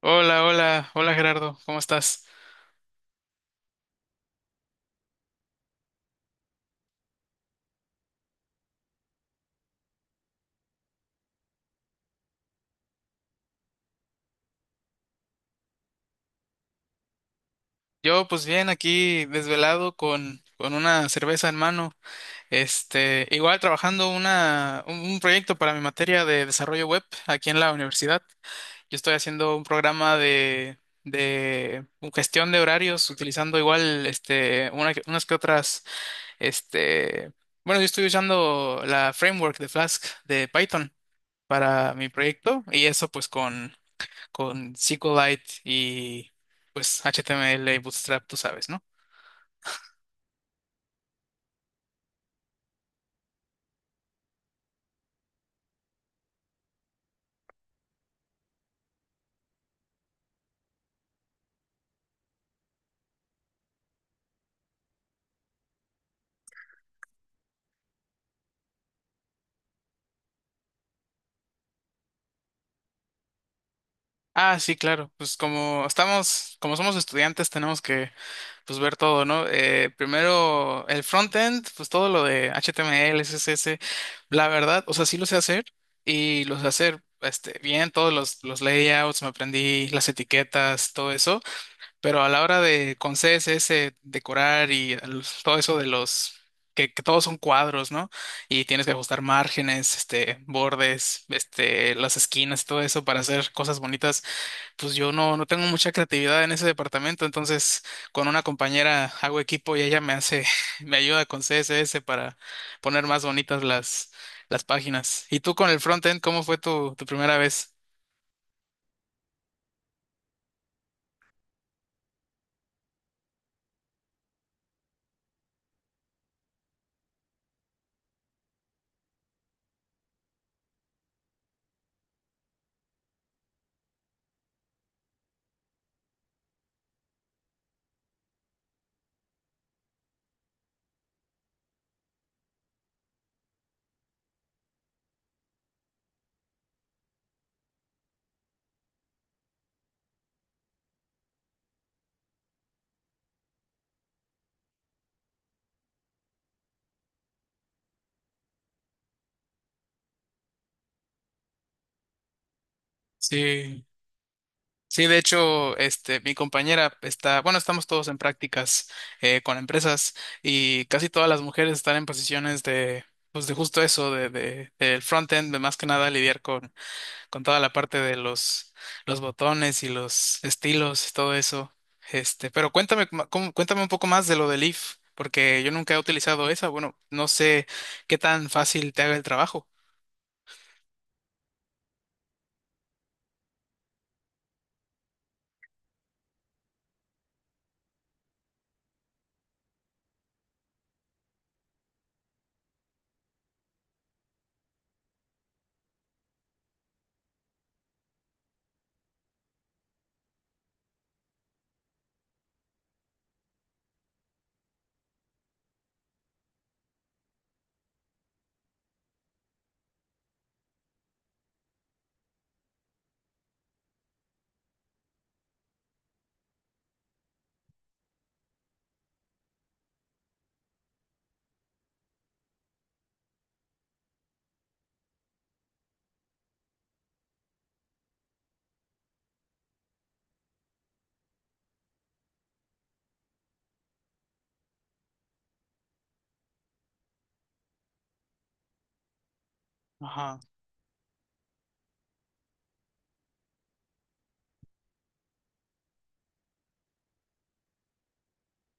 Hola, hola, hola Gerardo, ¿cómo estás? Yo pues bien aquí desvelado con una cerveza en mano, igual trabajando un proyecto para mi materia de desarrollo web aquí en la universidad. Yo estoy haciendo un programa de gestión de horarios utilizando igual unas que otras, este, bueno, yo estoy usando la framework de Flask de Python para mi proyecto y eso pues con SQLite y pues HTML y Bootstrap, tú sabes, ¿no? Ah, sí, claro. Pues como estamos, como somos estudiantes, tenemos que pues ver todo, ¿no? Primero el frontend, pues todo lo de HTML, CSS, la verdad, o sea, sí lo sé hacer y lo sé hacer bien, todos los layouts, me aprendí las etiquetas, todo eso. Pero a la hora de con CSS decorar y todo eso de los que todos son cuadros, ¿no? Y tienes que ajustar márgenes, bordes, las esquinas, todo eso para hacer cosas bonitas. Pues yo no tengo mucha creatividad en ese departamento, entonces con una compañera hago equipo y ella me hace, me ayuda con CSS para poner más bonitas las páginas. ¿Y tú con el frontend, cómo fue tu primera vez? Sí. Sí, de hecho, mi compañera está, bueno, estamos todos en prácticas con empresas y casi todas las mujeres están en posiciones de, pues de justo eso, del front-end, de más que nada lidiar con toda la parte de los botones y los estilos y todo eso. Pero cuéntame, cuéntame un poco más de lo del if, porque yo nunca he utilizado esa. Bueno, no sé qué tan fácil te haga el trabajo.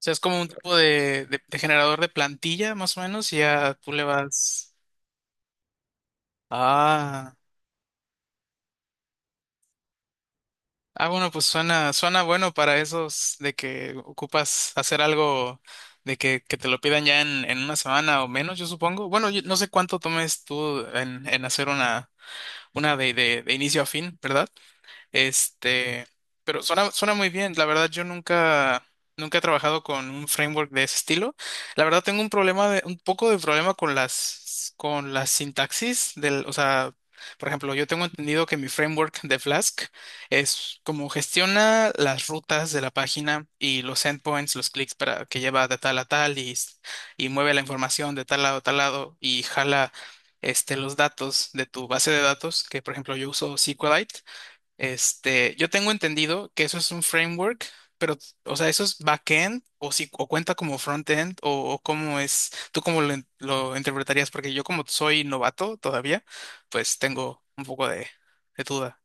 O sea, es como un tipo de generador de plantilla, más o menos, y ya tú le vas. Ah. Ah, bueno, pues suena, suena bueno para esos de que ocupas hacer algo de que te lo pidan ya en una semana o menos, yo supongo. Bueno, yo no sé cuánto tomes tú en hacer una de inicio a fin, ¿verdad? Este, pero suena, suena muy bien. La verdad, yo nunca, nunca he trabajado con un framework de ese estilo. La verdad, tengo un problema de, un poco de problema con las sintaxis del, o sea, por ejemplo, yo tengo entendido que mi framework de Flask es como gestiona las rutas de la página y los endpoints, los clics para que lleva de tal a tal y mueve la información de tal lado a tal lado y jala los datos de tu base de datos, que por ejemplo yo uso SQLite. Yo tengo entendido que eso es un framework, pero, o sea, eso es backend o si o cuenta como frontend o cómo es, tú cómo lo, lo interpretarías, porque yo como soy novato todavía, pues tengo un poco de duda.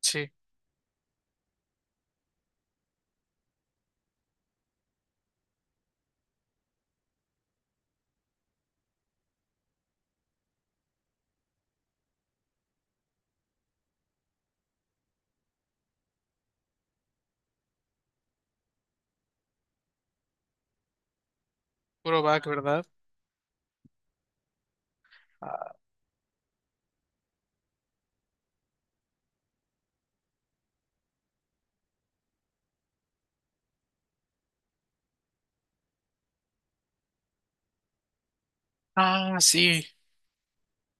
Sí, puro back, ¿verdad? Ah. Ah, sí,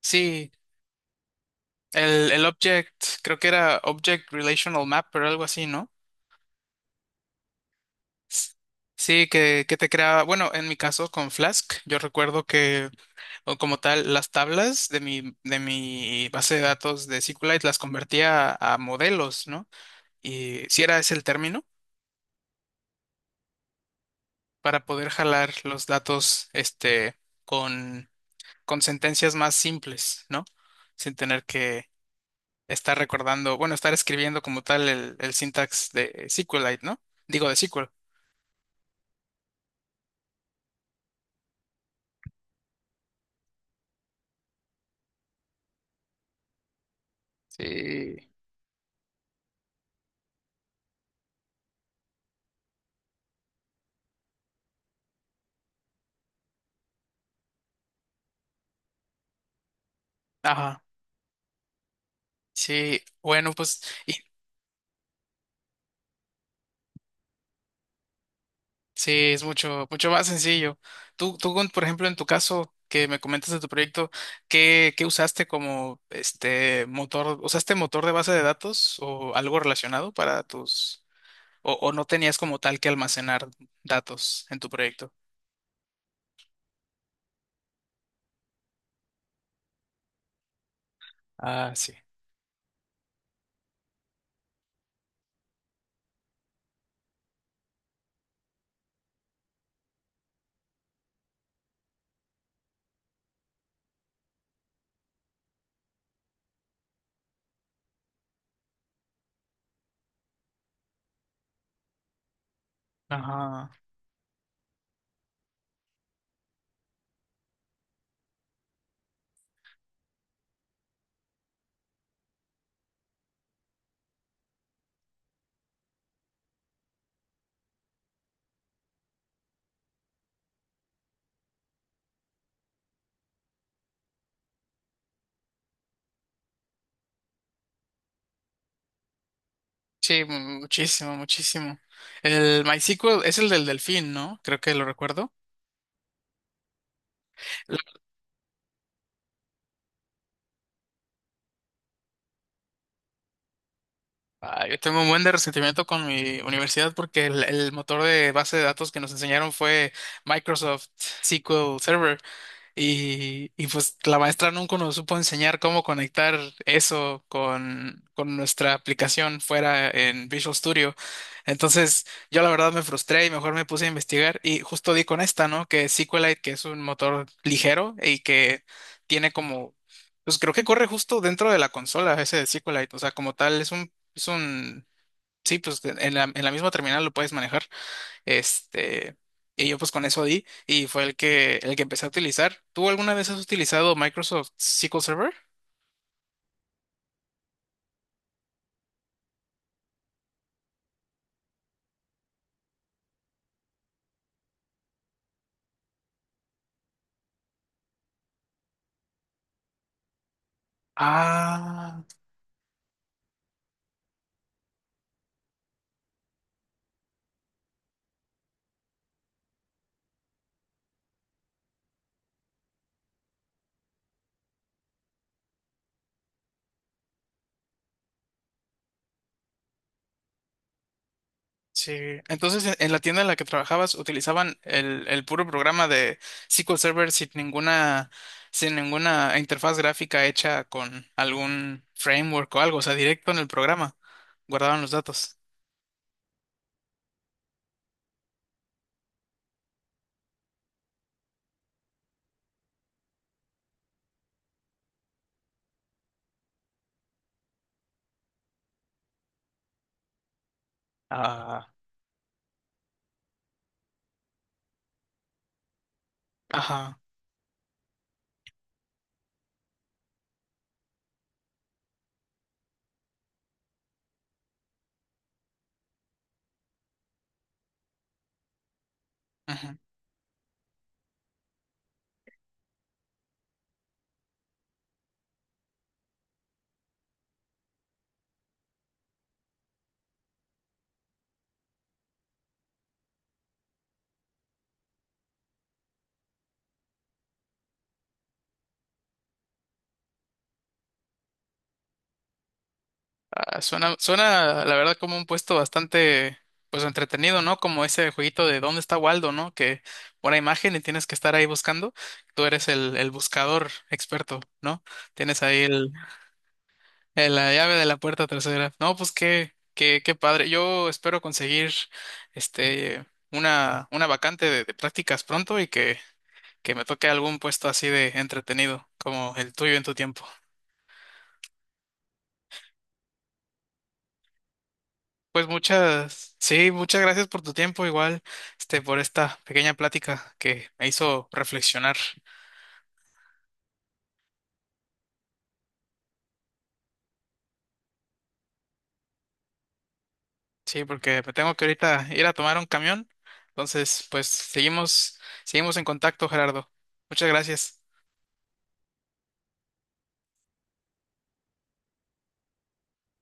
sí. El object, creo que era Object Relational map Mapper, algo así, ¿no? S- Sí, que te crea, bueno, en mi caso con Flask, yo recuerdo que o como tal, las tablas de mi base de datos de SQLite las convertía a modelos, ¿no? Y si era ese el término, para poder jalar los datos, con, con sentencias más simples, ¿no? Sin tener que estar recordando, bueno, estar escribiendo como tal el syntax de SQLite, ¿no? Digo, de SQL. Sí. Ajá. Sí, bueno, pues, y sí, es mucho, mucho más sencillo. Tú, por ejemplo, en tu caso que me comentas de tu proyecto, ¿qué, qué usaste como este motor? ¿Usaste motor de base de datos o algo relacionado para tus, o no tenías como tal que almacenar datos en tu proyecto? Ah, sí. Ajá. Sí, mu- muchísimo, muchísimo. El MySQL es el del delfín, ¿no? Creo que lo recuerdo. Ah, yo tengo un buen de resentimiento con mi universidad porque el motor de base de datos que nos enseñaron fue Microsoft SQL Server. Y pues la maestra nunca nos supo enseñar cómo conectar eso con nuestra aplicación fuera en Visual Studio. Entonces yo la verdad me frustré y mejor me puse a investigar y justo di con esta, ¿no? Que SQLite, que es un motor ligero y que tiene como, pues creo que corre justo dentro de la consola ese de SQLite. O sea, como tal es un, sí, pues en la misma terminal lo puedes manejar. Este, y yo pues con eso di y fue el que empecé a utilizar. ¿Tú alguna vez has utilizado Microsoft SQL Server? Ah, sí. Entonces, en la tienda en la que trabajabas utilizaban el puro programa de SQL Server sin ninguna, sin ninguna interfaz gráfica hecha con algún framework o algo, o sea, directo en el programa. Guardaban los datos. Ah, ajá. Ujú. Ah, suena, suena, la verdad, como un puesto bastante, pues, entretenido, ¿no? Como ese jueguito de ¿Dónde está Waldo, ¿no? Que una imagen y tienes que estar ahí buscando. Tú eres el buscador experto, ¿no? Tienes ahí el, la llave de la puerta trasera. No, pues qué, qué, qué padre. Yo espero conseguir, este, una vacante de prácticas pronto y que me toque algún puesto así de entretenido, como el tuyo en tu tiempo. Pues muchas, sí, muchas gracias por tu tiempo, igual, por esta pequeña plática que me hizo reflexionar. Sí, porque me tengo que ahorita ir a tomar un camión. Entonces, pues seguimos, seguimos en contacto, Gerardo. Muchas gracias.